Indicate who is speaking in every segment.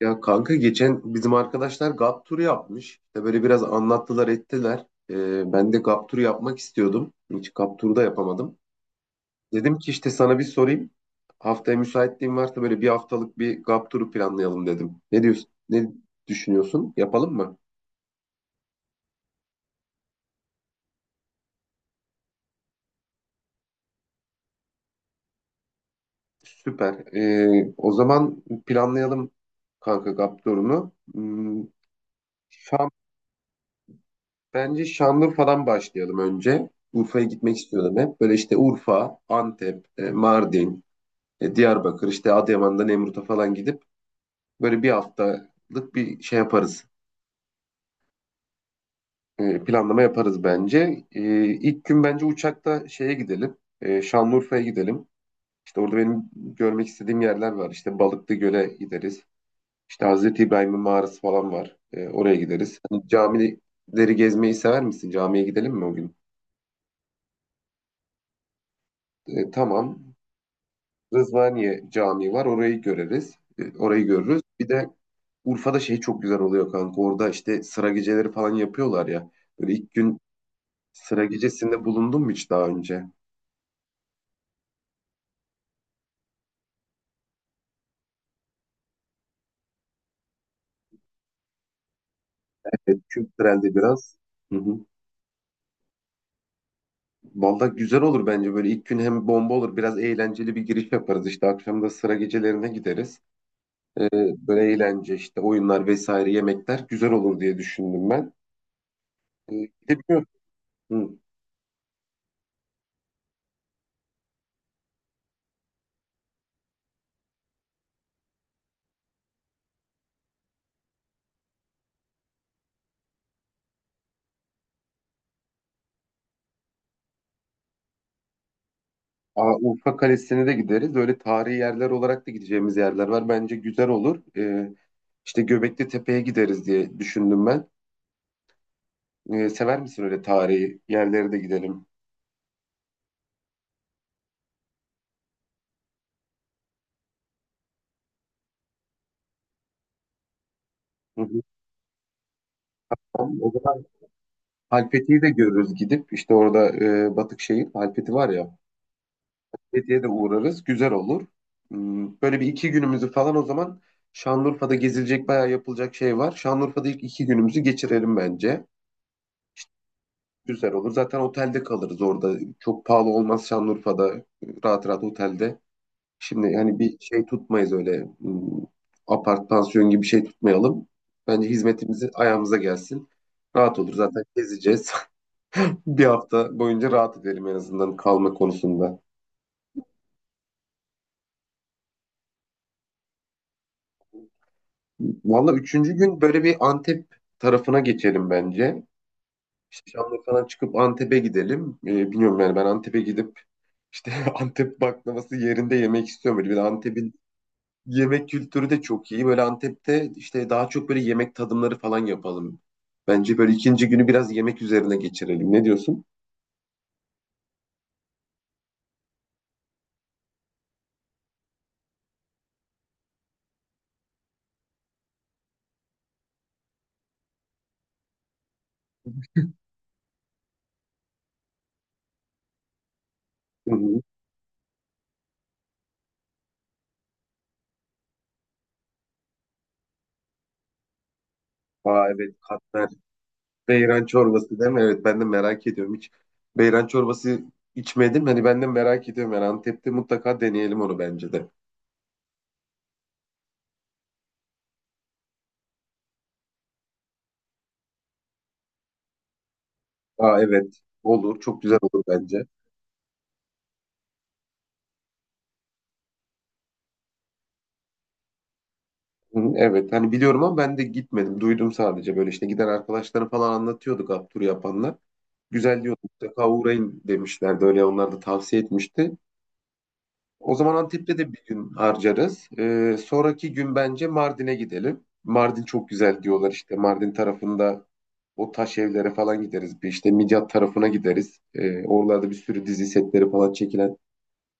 Speaker 1: Ya kanka geçen bizim arkadaşlar GAP turu yapmış. İşte böyle biraz anlattılar ettiler. Ben de GAP turu yapmak istiyordum. Hiç GAP turu da yapamadım. Dedim ki işte sana bir sorayım. Haftaya müsaitliğin varsa böyle bir haftalık bir GAP turu planlayalım dedim. Ne diyorsun? Ne düşünüyorsun? Yapalım mı? Süper. O zaman planlayalım kanka GAP turunu. Şam, bence Şanlıurfa'dan başlayalım önce. Urfa'ya gitmek istiyordum hep. Böyle işte Urfa, Antep, Mardin, Diyarbakır, işte Adıyaman'da Nemrut'a falan gidip böyle bir haftalık bir şey yaparız. Planlama yaparız bence. E, ilk gün bence uçakta şeye gidelim. Şanlıurfa'ya gidelim. İşte orada benim görmek istediğim yerler var. İşte Balıklı Göl'e gideriz. İşte Hazreti İbrahim'in mağarası falan var. Oraya gideriz. Hani camileri gezmeyi sever misin? Camiye gidelim mi o gün? Tamam. Rızvaniye Camii var. Orayı göreriz. Orayı görürüz. Bir de Urfa'da şey çok güzel oluyor kanka. Orada işte sıra geceleri falan yapıyorlar ya. Böyle ilk gün sıra gecesinde bulundum mu hiç daha önce? Evet, kültürelde biraz. Hı hı. Vallahi güzel olur bence böyle ilk gün hem bomba olur, biraz eğlenceli bir giriş yaparız, işte akşam da sıra gecelerine gideriz. Ee, böyle eğlence işte oyunlar vesaire yemekler güzel olur diye düşündüm ben. Bir de biliyorum hı. Aa, Urfa Kalesi'ne de gideriz, öyle tarihi yerler olarak da gideceğimiz yerler var, bence güzel olur. İşte Göbekli Tepe'ye gideriz diye düşündüm ben. Sever misin, öyle tarihi yerlere de gidelim? Hı hı. Tamam, o zaman Halfeti'yi de görürüz gidip işte orada, Batıkşehir Halfeti var ya. Halfeti'ye de uğrarız. Güzel olur. Böyle bir iki günümüzü falan, o zaman Şanlıurfa'da gezilecek bayağı yapılacak şey var. Şanlıurfa'da ilk iki günümüzü geçirelim bence. Güzel olur. Zaten otelde kalırız orada. Çok pahalı olmaz Şanlıurfa'da. Rahat rahat otelde. Şimdi yani bir şey tutmayız öyle, apart pansiyon gibi bir şey tutmayalım. Bence hizmetimizi ayağımıza gelsin. Rahat olur zaten gezeceğiz. Bir hafta boyunca rahat edelim en azından kalma konusunda. Valla üçüncü gün böyle bir Antep tarafına geçelim bence. İşte Şanlıurfa'dan çıkıp Antep'e gidelim. Bilmiyorum yani, ben Antep'e gidip işte Antep baklavası yerinde yemek istiyorum. Böyle bir de Antep'in yemek kültürü de çok iyi. Böyle Antep'te işte daha çok böyle yemek tadımları falan yapalım. Bence böyle ikinci günü biraz yemek üzerine geçirelim. Ne diyorsun? Hı hı. Aa, evet, katmer. Beyran çorbası değil mi? Evet, ben de merak ediyorum. Hiç beyran çorbası içmedim. Hani ben de merak ediyorum. Yani Antep'te mutlaka deneyelim onu bence de. Aa, evet olur. Çok güzel olur bence. Hı hı, evet hani biliyorum ama ben de gitmedim. Duydum sadece, böyle işte giden arkadaşları falan anlatıyorduk Abdur yapanlar. Güzel diyor, mutlaka uğrayın demişlerdi. Öyle onlar da tavsiye etmişti. O zaman Antep'te de bir gün harcarız. Sonraki gün bence Mardin'e gidelim. Mardin çok güzel diyorlar işte. Mardin tarafında o taş evlere falan gideriz. Bir işte Midyat tarafına gideriz. Oralarda bir sürü dizi setleri falan çekilen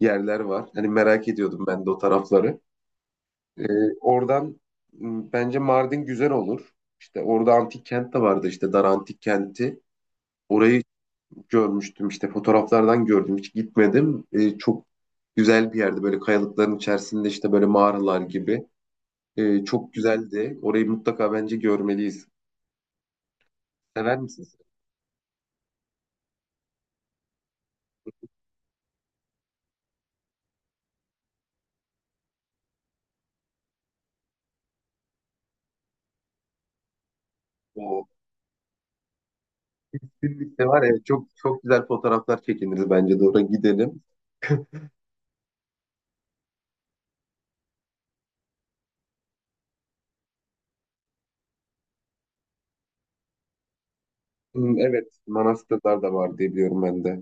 Speaker 1: yerler var. Hani merak ediyordum ben de o tarafları. Ee, oradan bence Mardin güzel olur. İşte orada antik kent de vardı, işte Dar Antik Kenti. Orayı görmüştüm, işte fotoğraflardan gördüm, hiç gitmedim. Çok güzel bir yerde, böyle kayalıkların içerisinde, işte böyle mağaralar gibi. Çok güzeldi. Orayı mutlaka bence görmeliyiz. Sever misiniz? O birlikte var ya, çok çok güzel fotoğraflar çekiniriz, bence de oraya gidelim. Hmm, evet, manastırlar da var diye biliyorum ben de.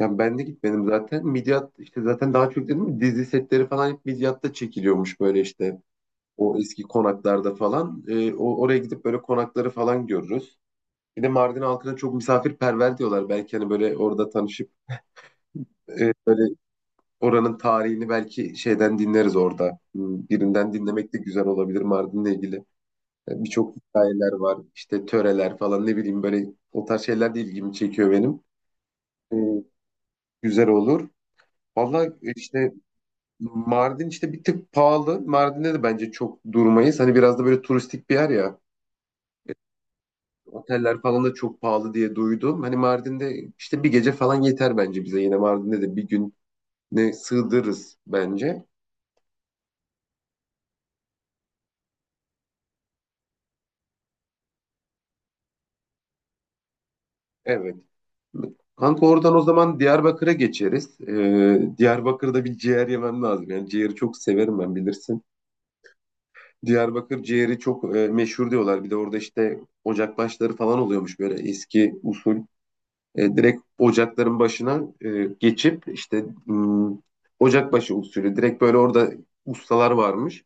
Speaker 1: Yani ben de gitmedim zaten. Midyat işte zaten daha çok dedim ya, dizi setleri falan hep Midyat'ta çekiliyormuş böyle işte. O eski konaklarda falan. Oraya gidip böyle konakları falan görürüz. Bir de Mardin halkına çok misafirperver diyorlar. Belki hani böyle orada tanışıp, böyle oranın tarihini belki şeyden dinleriz orada. Birinden dinlemek de güzel olabilir Mardin'le ilgili. Yani birçok hikayeler var. İşte töreler falan, ne bileyim, böyle o tarz şeyler de ilgimi çekiyor benim. E, güzel olur. Valla işte Mardin işte bir tık pahalı. Mardin'de de bence çok durmayız. Hani biraz da böyle turistik bir yer ya. Oteller falan da çok pahalı diye duydum. Hani Mardin'de işte bir gece falan yeter bence bize. Yine Mardin'de de bir gün ne sığdırırız bence. Evet. Kanka oradan o zaman Diyarbakır'a geçeriz. Diyarbakır'da bir ciğer yemem lazım. Yani ciğeri çok severim ben, bilirsin. Diyarbakır ciğeri çok meşhur diyorlar. Bir de orada işte ocakbaşları falan oluyormuş, böyle eski usul. Direkt ocakların başına geçip işte, ocakbaşı usulü. Direkt böyle orada ustalar varmış.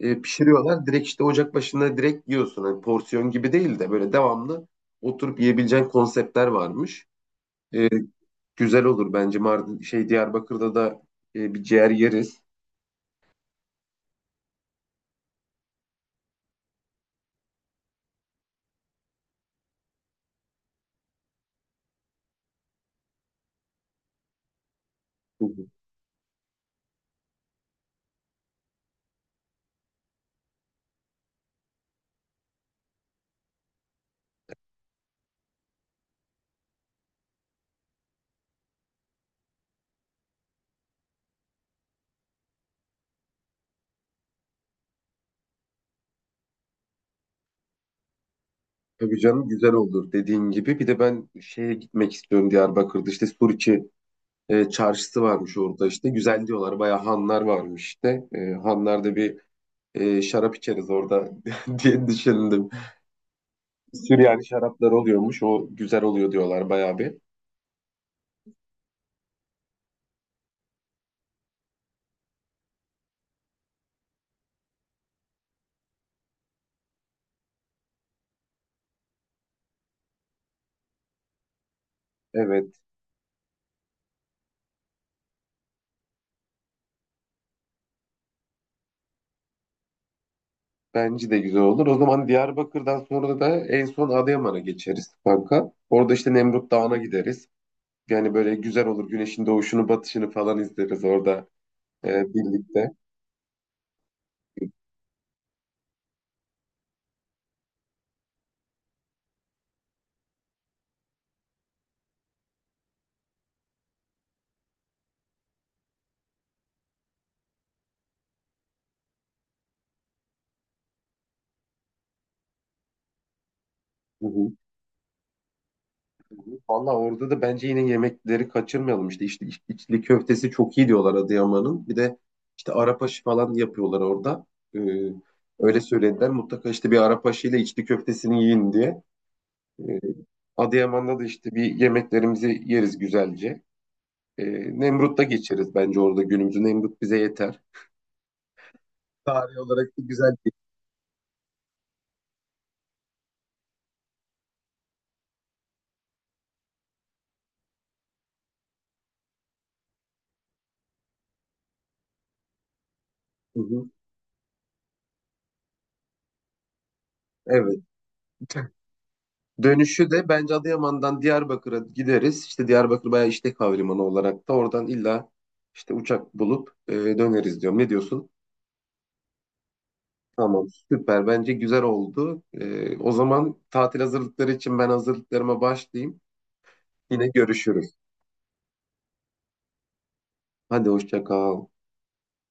Speaker 1: Pişiriyorlar. Direkt işte ocak başında direkt yiyorsun. Hani porsiyon gibi değil de böyle devamlı oturup yiyebileceğin konseptler varmış. E, güzel olur bence Mardin şey Diyarbakır'da da bir ciğer yeriz. Hı hı. Tabii canım, güzel olur dediğin gibi. Bir de ben şeye gitmek istiyorum, Diyarbakır'da işte Suriçi çarşısı varmış orada işte. Güzel diyorlar, bayağı hanlar varmış işte. Hanlarda bir şarap içeriz orada diye düşündüm. Süryani şaraplar oluyormuş, o güzel oluyor diyorlar bayağı bir. Evet. Bence de güzel olur. O zaman Diyarbakır'dan sonra da en son Adıyaman'a geçeriz kanka. Orada işte Nemrut Dağı'na gideriz. Yani böyle güzel olur. Güneşin doğuşunu, batışını falan izleriz orada birlikte. Hı hı. Valla orada da bence yine yemekleri kaçırmayalım. İşte içli köftesi çok iyi diyorlar Adıyaman'ın. Bir de işte Arap aşı falan yapıyorlar orada. Ee, öyle söylediler. Mutlaka işte bir Arap aşıyla içli köftesini yiyin diye. Ee, Adıyaman'da da işte bir yemeklerimizi yeriz güzelce. E, Nemrut'ta geçeriz bence orada günümüzü. Nemrut bize yeter. Tarih olarak da güzel bir... Hı hı. Evet. Dönüşü de bence Adıyaman'dan Diyarbakır'a gideriz. İşte Diyarbakır bayağı işlek havalimanı olarak da oradan illa işte uçak bulup döneriz diyorum. Ne diyorsun? Tamam, süper, bence güzel oldu. O zaman tatil hazırlıkları için ben hazırlıklarıma başlayayım. Yine görüşürüz. Hadi hoşça kal.